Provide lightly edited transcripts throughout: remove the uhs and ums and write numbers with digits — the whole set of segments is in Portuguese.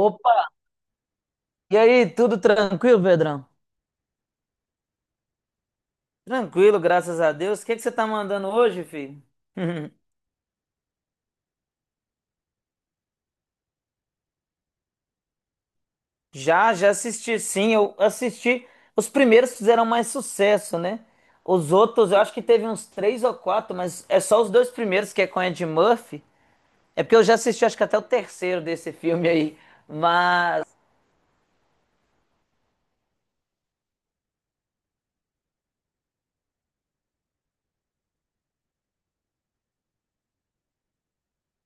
Opa! E aí, tudo tranquilo, Pedrão? Tranquilo, graças a Deus. O que que você tá mandando hoje, filho? Já, já assisti, sim. Eu assisti. Os primeiros fizeram mais sucesso, né? Os outros, eu acho que teve uns três ou quatro, mas é só os dois primeiros que é com Ed Murphy. É porque eu já assisti, acho que até o terceiro desse filme aí. Mas,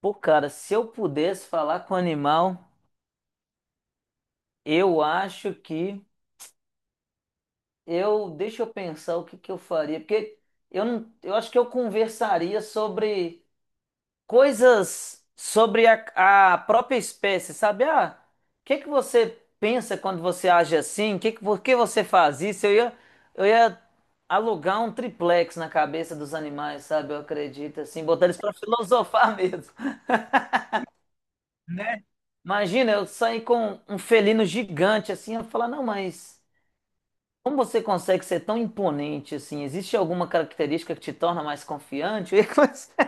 pô, cara, se eu pudesse falar com o animal, eu acho que deixa eu pensar o que que eu faria, porque eu não, eu acho que eu conversaria sobre coisas sobre a própria espécie, sabe? Ah, o que que você pensa quando você age assim? Por que você faz isso? Eu ia alugar um triplex na cabeça dos animais, sabe? Eu acredito, assim, botar eles para filosofar mesmo. Imagina eu sair com um felino gigante assim, eu falar, não, mas. Como você consegue ser tão imponente assim? Existe alguma característica que te torna mais confiante?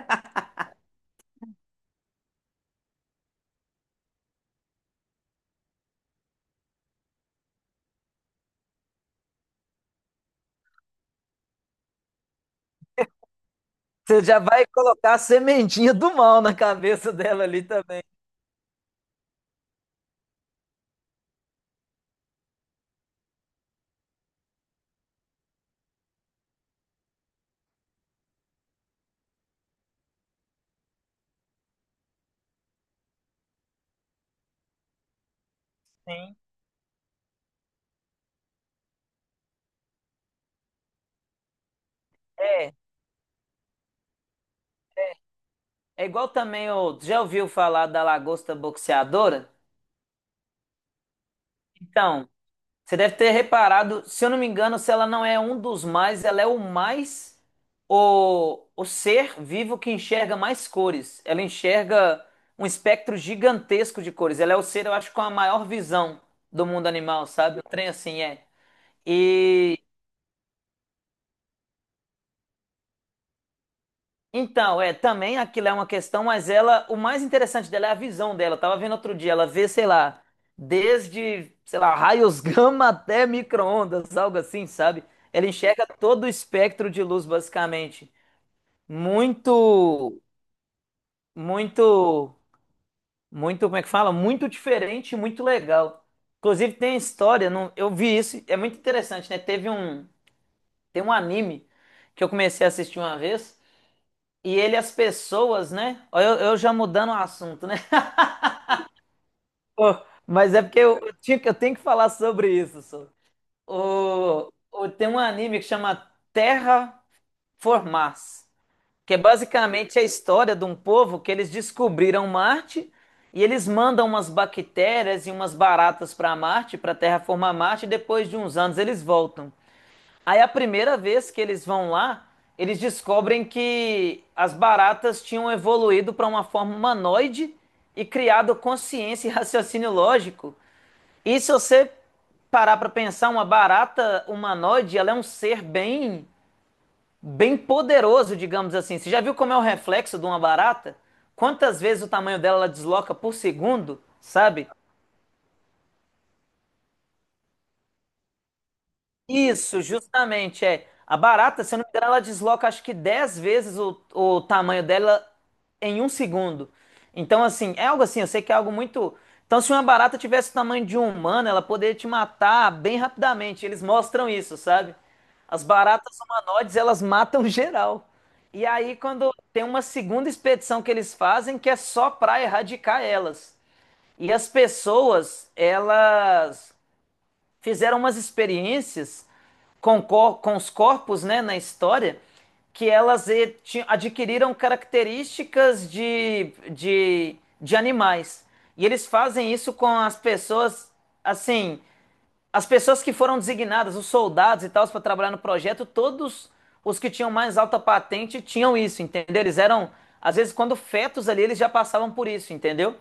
Você já vai colocar a sementinha do mal na cabeça dela ali também. Sim. É, é É igual também o. Já ouviu falar da lagosta boxeadora? Então, você deve ter reparado, se eu não me engano, se ela não é um dos mais, ela é o mais, o ser vivo que enxerga mais cores. Ela enxerga um espectro gigantesco de cores. Ela é o ser, eu acho, com a maior visão do mundo animal, sabe? Um trem assim é. E então, é, também aquilo é uma questão, mas ela, o mais interessante dela é a visão dela. Eu tava vendo outro dia, ela vê, sei lá, desde, sei lá, raios gama até micro-ondas, algo assim, sabe? Ela enxerga todo o espectro de luz, basicamente. Muito, muito, muito, como é que fala? Muito diferente, e muito legal. Inclusive tem história, não, eu vi isso, é muito interessante, né? Tem um anime que eu comecei a assistir uma vez. E ele, as pessoas, né? Ó, Eu já mudando o assunto, né? Ô, mas é porque eu, eu tenho que falar sobre isso. Sô. Tem um anime que chama Terra Formars, que é basicamente a história de um povo que eles descobriram Marte e eles mandam umas bactérias e umas baratas para Marte, para terraformar Marte, e depois de uns anos eles voltam. Aí a primeira vez que eles vão lá, eles descobrem que as baratas tinham evoluído para uma forma humanoide e criado consciência e raciocínio lógico. E se você parar para pensar, uma barata humanoide, ela é um ser bem bem poderoso, digamos assim. Você já viu como é o reflexo de uma barata? Quantas vezes o tamanho dela ela desloca por segundo, sabe? Isso, justamente, é. A barata, se eu não me engano, ela desloca acho que 10 vezes o tamanho dela em um segundo. Então, assim, é algo assim, eu sei que é algo muito. Então, se uma barata tivesse o tamanho de um humano, ela poderia te matar bem rapidamente. Eles mostram isso, sabe? As baratas humanoides, elas matam geral. E aí, quando tem uma segunda expedição que eles fazem, que é só pra erradicar elas. E as pessoas, elas fizeram umas experiências com os corpos, né, na história, que elas adquiriram características de animais. E eles fazem isso com as pessoas, assim, as pessoas que foram designadas, os soldados e tal, para trabalhar no projeto, todos os que tinham mais alta patente tinham isso, entendeu? Eles eram, às vezes, quando fetos ali, eles já passavam por isso, entendeu?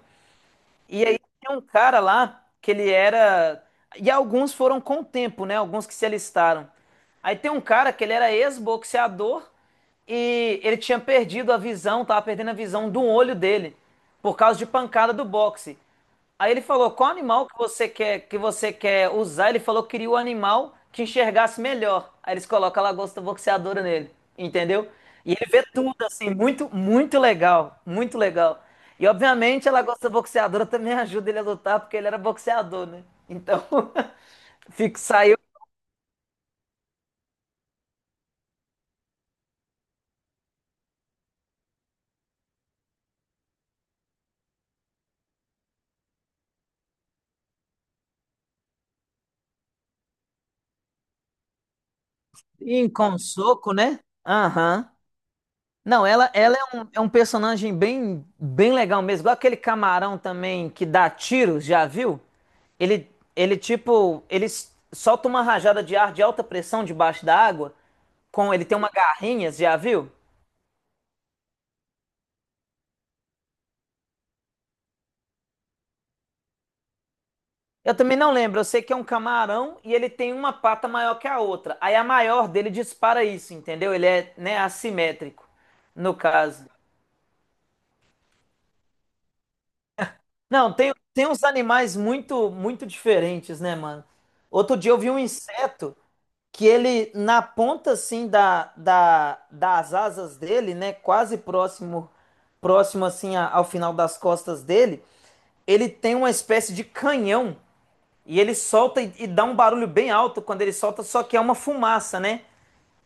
E aí tem um cara lá que ele era. E alguns foram com o tempo, né? Alguns que se alistaram. Aí tem um cara que ele era ex-boxeador e ele tinha perdido a visão, tava perdendo a visão do olho dele por causa de pancada do boxe. Aí ele falou, qual animal que você quer usar? Ele falou que queria o animal que enxergasse melhor. Aí eles colocam a lagosta boxeadora nele, entendeu? E ele vê tudo assim, muito, muito legal, muito legal. E obviamente a lagosta boxeadora também ajuda ele a lutar porque ele era boxeador, né? Então, fica, saiu em com soco, né? Aham. Não, ela é um personagem bem, bem legal mesmo. Igual aquele camarão também que dá tiros, já viu? Ele, ele tipo, solta uma rajada de ar de alta pressão debaixo da água. Ele tem uma garrinha, já viu? Eu também não lembro. Eu sei que é um camarão e ele tem uma pata maior que a outra. Aí a maior dele dispara isso, entendeu? Ele é, né, assimétrico, no caso. Não, tem uns animais muito, muito diferentes, né, mano? Outro dia eu vi um inseto, que ele, na ponta assim das asas dele, né, quase próximo assim ao final das costas dele, ele tem uma espécie de canhão e ele solta e dá um barulho bem alto quando ele solta, só que é uma fumaça, né?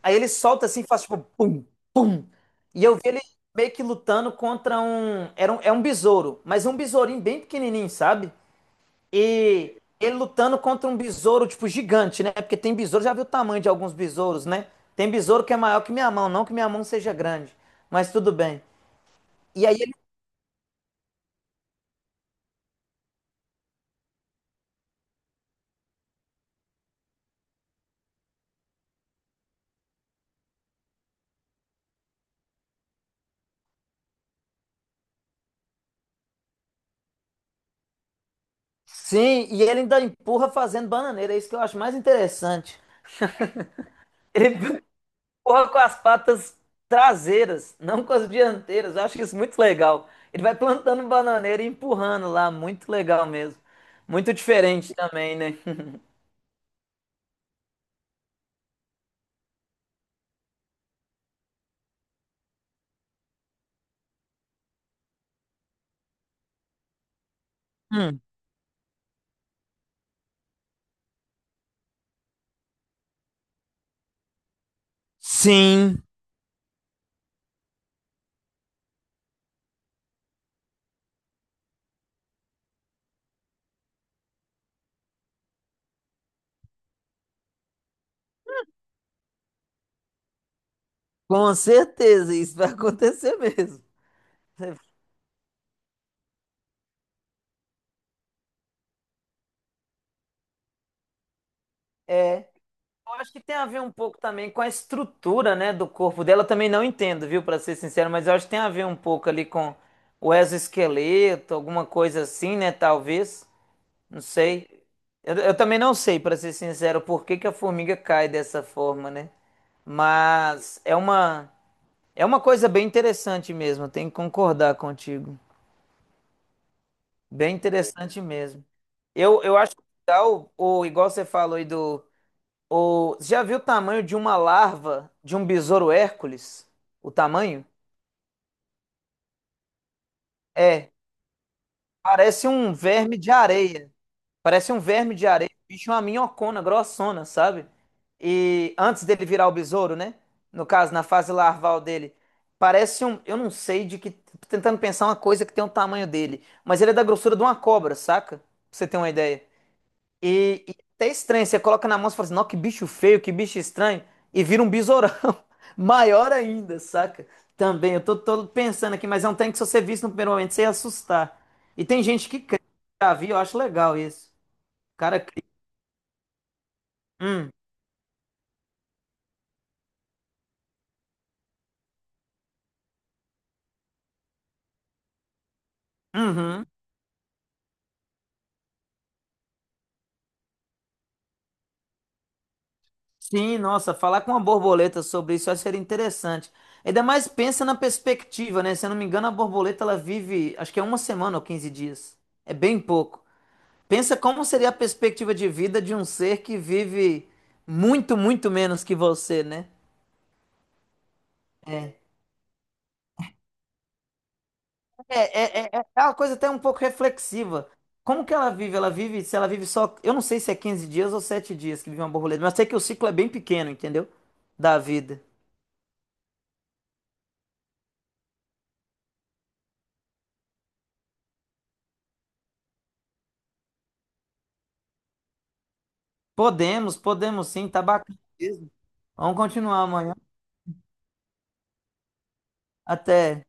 Aí ele solta assim, faz tipo pum, pum. E eu vi ele meio que lutando contra um, era um, é um besouro, mas um besourinho bem pequenininho, sabe? E ele lutando contra um besouro, tipo, gigante, né? Porque tem besouro, já viu o tamanho de alguns besouros, né? Tem besouro que é maior que minha mão, não que minha mão seja grande, mas tudo bem. E aí ele, sim, e ele ainda empurra fazendo bananeira, é isso que eu acho mais interessante. Ele empurra com as patas traseiras, não com as dianteiras, eu acho isso muito legal. Ele vai plantando bananeira e empurrando lá, muito legal mesmo. Muito diferente também, né? Hum. Sim. Com certeza, isso vai acontecer mesmo. É, eu acho que tem a ver um pouco também com a estrutura, né, do corpo dela. Eu também não entendo, viu, para ser sincero, mas eu acho que tem a ver um pouco ali com o exoesqueleto, alguma coisa assim, né, talvez. Não sei. Eu também não sei, para ser sincero, por que que a formiga cai dessa forma, né? Mas é uma coisa bem interessante mesmo, eu tenho que concordar contigo. Bem interessante mesmo. Eu acho legal, ou igual você falou aí do. O, você já viu o tamanho de uma larva de um besouro Hércules? O tamanho? É. Parece um verme de areia. Parece um verme de areia. O bicho é uma minhocona grossona, sabe? E antes dele virar o besouro, né? No caso, na fase larval dele. Parece um. Eu não sei de que. Tô tentando pensar uma coisa que tem o tamanho dele. Mas ele é da grossura de uma cobra, saca? Pra você ter uma ideia. E até estranho, você coloca na mão e fala assim, não, que bicho feio, que bicho estranho, e vira um besourão. Maior ainda, saca? Também, eu tô pensando aqui, mas é um trem que se você visse no primeiro momento, você ia assustar. E tem gente que cria, já vi, eu acho legal isso. O cara cria. Hum, uhum. Sim, nossa, falar com uma borboleta sobre isso eu acho que seria interessante. Ainda mais pensa na perspectiva, né? Se eu não me engano, a borboleta ela vive, acho que é uma semana ou 15 dias. É bem pouco. Pensa como seria a perspectiva de vida de um ser que vive muito, muito menos que você, né? É, é, é uma coisa até um pouco reflexiva. Como que ela vive? Se ela vive só, eu não sei se é 15 dias ou 7 dias que vive uma borboleta, mas sei que o ciclo é bem pequeno, entendeu? Da vida. Podemos, podemos sim, tá bacana mesmo. Vamos continuar amanhã. Até.